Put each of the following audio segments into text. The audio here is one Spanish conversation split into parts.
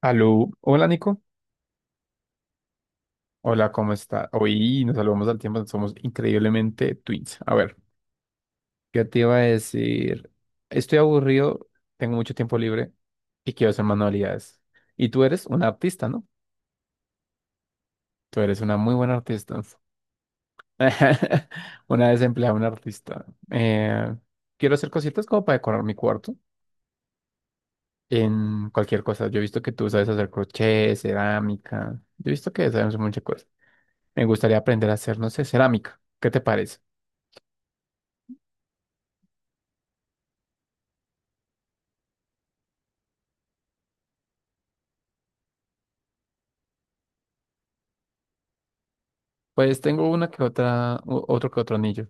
Aló, hola Nico, hola, ¿cómo está? Hoy nos salvamos al tiempo, somos increíblemente twins. A ver, ¿qué te iba a decir? Estoy aburrido, tengo mucho tiempo libre y quiero hacer manualidades. Y tú eres una artista, ¿no? Tú eres una muy buena artista. Una desempleada, una artista. Quiero hacer cositas como para decorar mi cuarto en cualquier cosa. Yo he visto que tú sabes hacer crochet, cerámica. Yo he visto que sabes hacer muchas cosas. Me gustaría aprender a hacer, no sé, cerámica. ¿Qué te parece? Pues tengo una que otra, otro que otro anillo.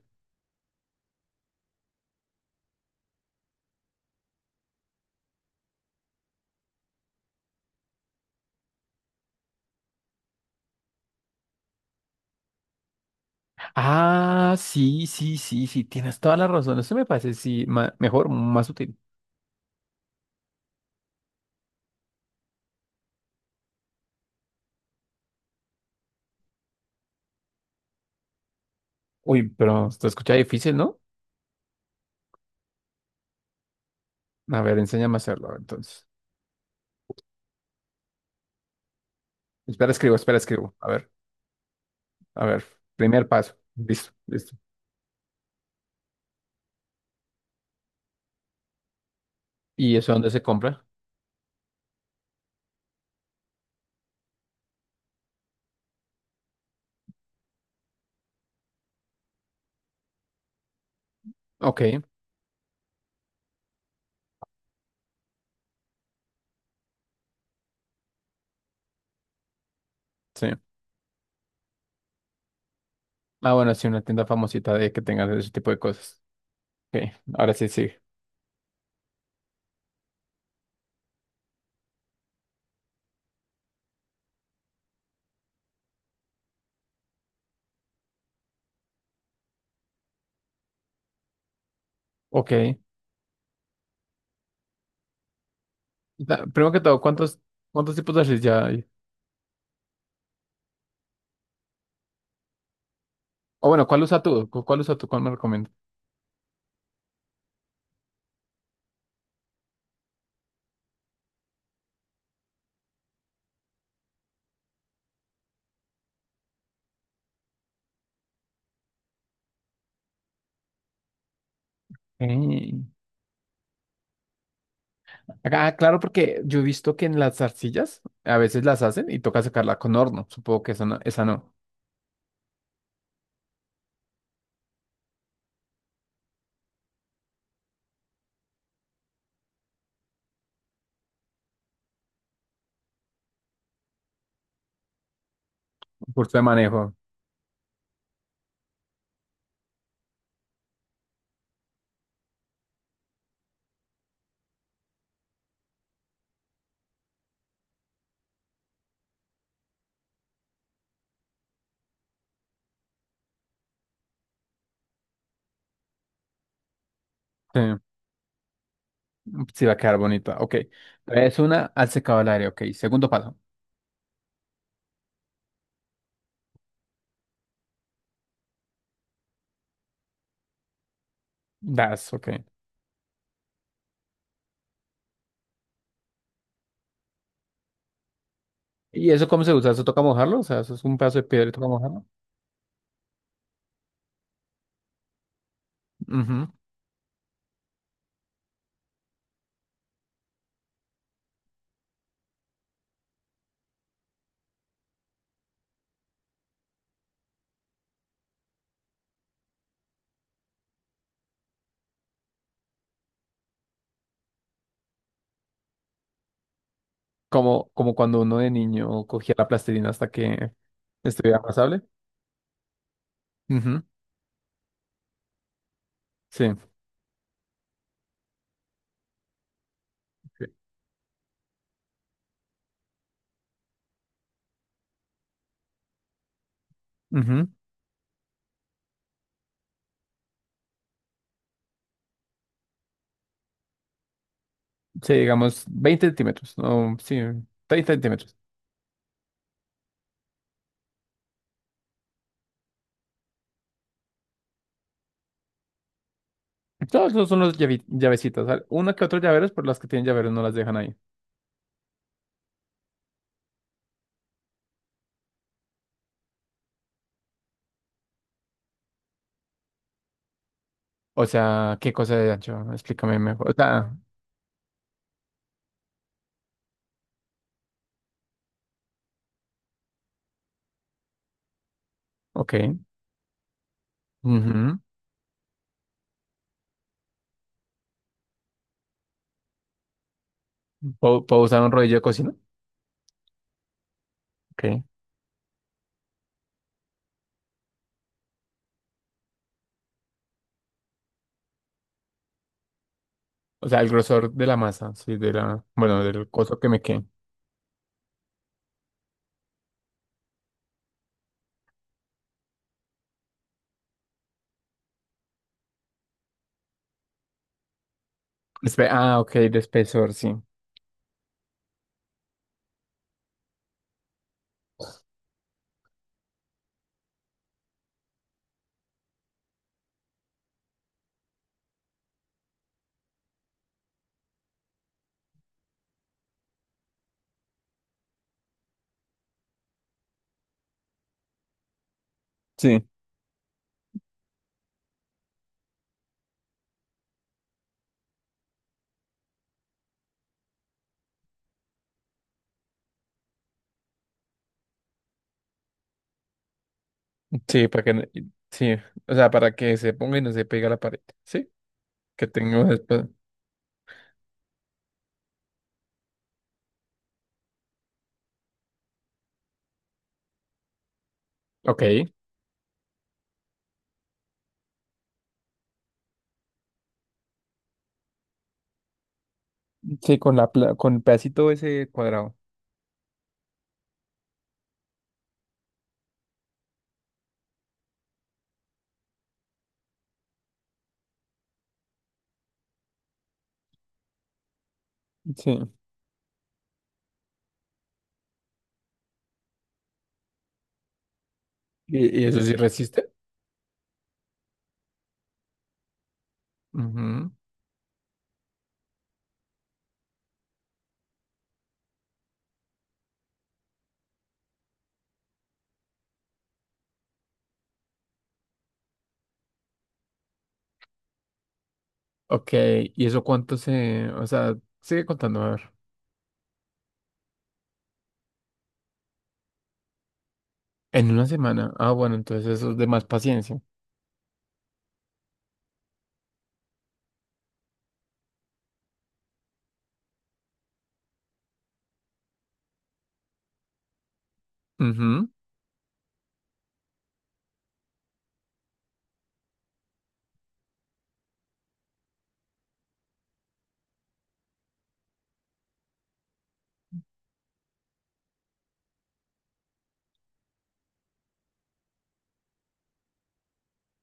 Ah, sí, sí, sí, sí, tienes toda la razón. Eso me parece, sí, mejor, más útil. Uy, pero esto escucha difícil, ¿no? A ver, enséñame a hacerlo, a ver, entonces. Espera, escribo, espera, escribo. A ver, a ver. Primer paso. Listo, listo. ¿Y eso dónde se compra? Ok, sí. Ah, bueno, sí, una tienda famosita de que tenga ese tipo de cosas. Ok, ahora sí, sí. Ok. Primero que todo, ¿cuántos tipos de arcilla ya hay? O bueno, ¿cuál usa tú? ¿Cuál usa tú? ¿Cuál me recomiendas? Ok. Ah, claro, porque yo he visto que en las arcillas a veces las hacen y toca sacarla con horno. Supongo que esa no, esa no. Curso de manejo. Sí, sí va a quedar bonita. Ok. Es una al secado al aire. Ok. Segundo paso. Das. Ok. ¿Y eso cómo se usa? ¿Eso toca mojarlo? O sea, eso es un pedazo de piedra y toca mojarlo. Ujú. Como, como cuando uno de niño cogía la plastilina hasta que estuviera pasable. Ujú. Sí. Sí, Ujú. Sí, digamos 20 centímetros. No, sí, 30 centímetros. Todos esos son los llavecitos. Uno que otro llaveros, pero las que tienen llaveros no las dejan ahí. O sea, ¿qué cosa de ancho? Explícame mejor. O sea, ok. Ujú. ¿Puedo usar un rodillo de cocina? Ok. O sea, el grosor de la masa, sí, de la, bueno, del coso que me quede. Ah, ok, de espesor, sí. Sí, sí, para que, sí, o sea, para que se ponga y no se pega a la pared, ¿sí? Que tenga un Ok. Sí, con la, con el pedacito ese cuadrado. Sí. Y eso sí resiste? Ujú. Ok, ¿y eso cuánto se...? O sea, sigue contando, a ver. En una semana. Ah, bueno, entonces eso es de más paciencia. Ujú.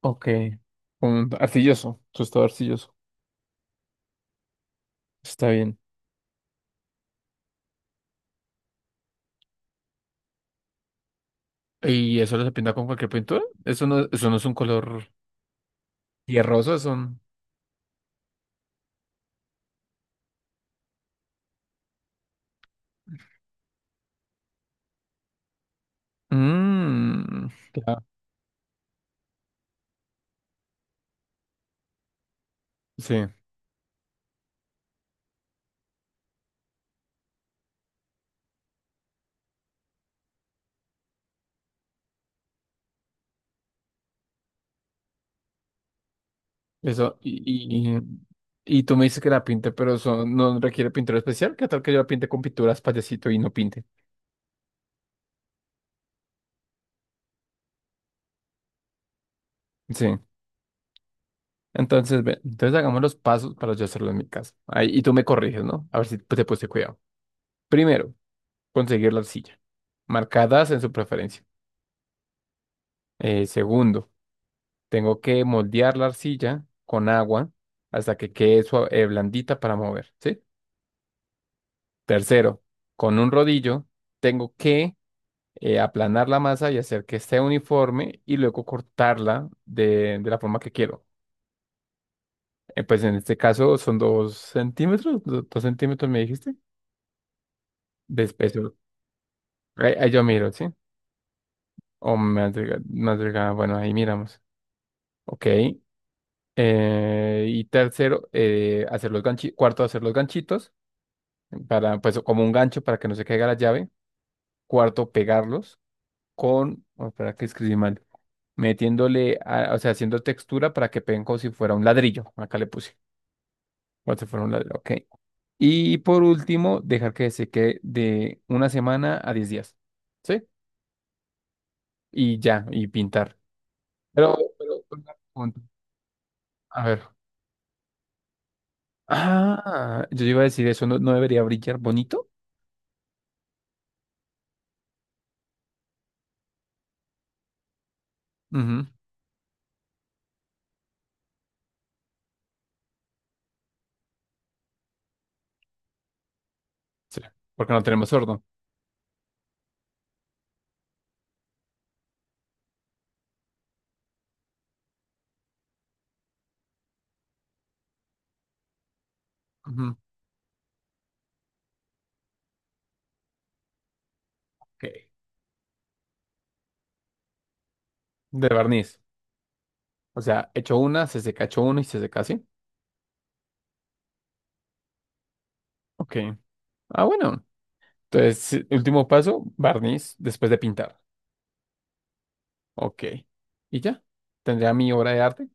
Ok. Un arcilloso, tostado arcilloso. Está bien. ¿Y eso lo se pinta con cualquier pintura? Eso no es un color tierroso, es un... Mm, claro. Sí, eso. Y tú me dices que la pinte, pero eso no requiere pintura especial. ¿Qué tal que yo la pinte con pinturas payasito y no pinte? Sí. Entonces, ve, entonces hagamos los pasos para yo hacerlo en mi casa. Ahí, y tú me corriges, ¿no? A ver si pues, te puse cuidado. Primero, conseguir la arcilla, marcadas en su preferencia. Segundo, tengo que moldear la arcilla con agua hasta que quede blandita para mover, ¿sí? Tercero, con un rodillo, tengo que aplanar la masa y hacer que esté uniforme y luego cortarla de la forma que quiero. Pues en este caso son 2 centímetros, 2 centímetros me dijiste de espeso. Ahí, ahí yo miro, ¿sí? O madrigal, madrigal, bueno, ahí miramos. Ok. Y tercero, hacer los ganchi. Cuarto, hacer los ganchitos. Para, pues, como un gancho para que no se caiga la llave. Cuarto, pegarlos con, oh, espera que escribí mal. Metiéndole, o sea, haciendo textura para que peguen como si fuera un ladrillo. Acá le puse. Como si fuera un ladrillo, ok. Y por último, dejar que se quede de una semana a 10 días. ¿Sí? Y ya, y pintar. Pero, una pregunta. A ver. Ah, yo iba a decir eso, ¿no, no debería brillar bonito? Ujú, sí, porque no tenemos horno. Ujú. Ok. De barniz. O sea, hecho una, se seca, hecho uno y se seca así. Ok. Ah, bueno. Entonces, sí, último paso, barniz después de pintar. Ok. Y ya. Tendría mi obra de arte.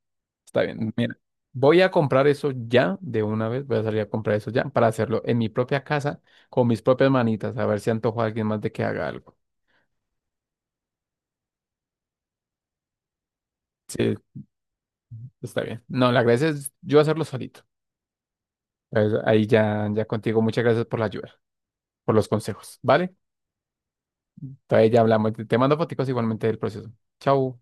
Está bien. Mira, voy a comprar eso ya de una vez. Voy a salir a comprar eso ya para hacerlo en mi propia casa con mis propias manitas. A ver si antojo a alguien más de que haga algo. Sí, está bien. No, la gracia es yo hacerlo solito. Entonces, ahí ya, ya contigo, muchas gracias por la ayuda, por los consejos, ¿vale? Entonces ya hablamos. Te mando foticos igualmente del proceso. Chau.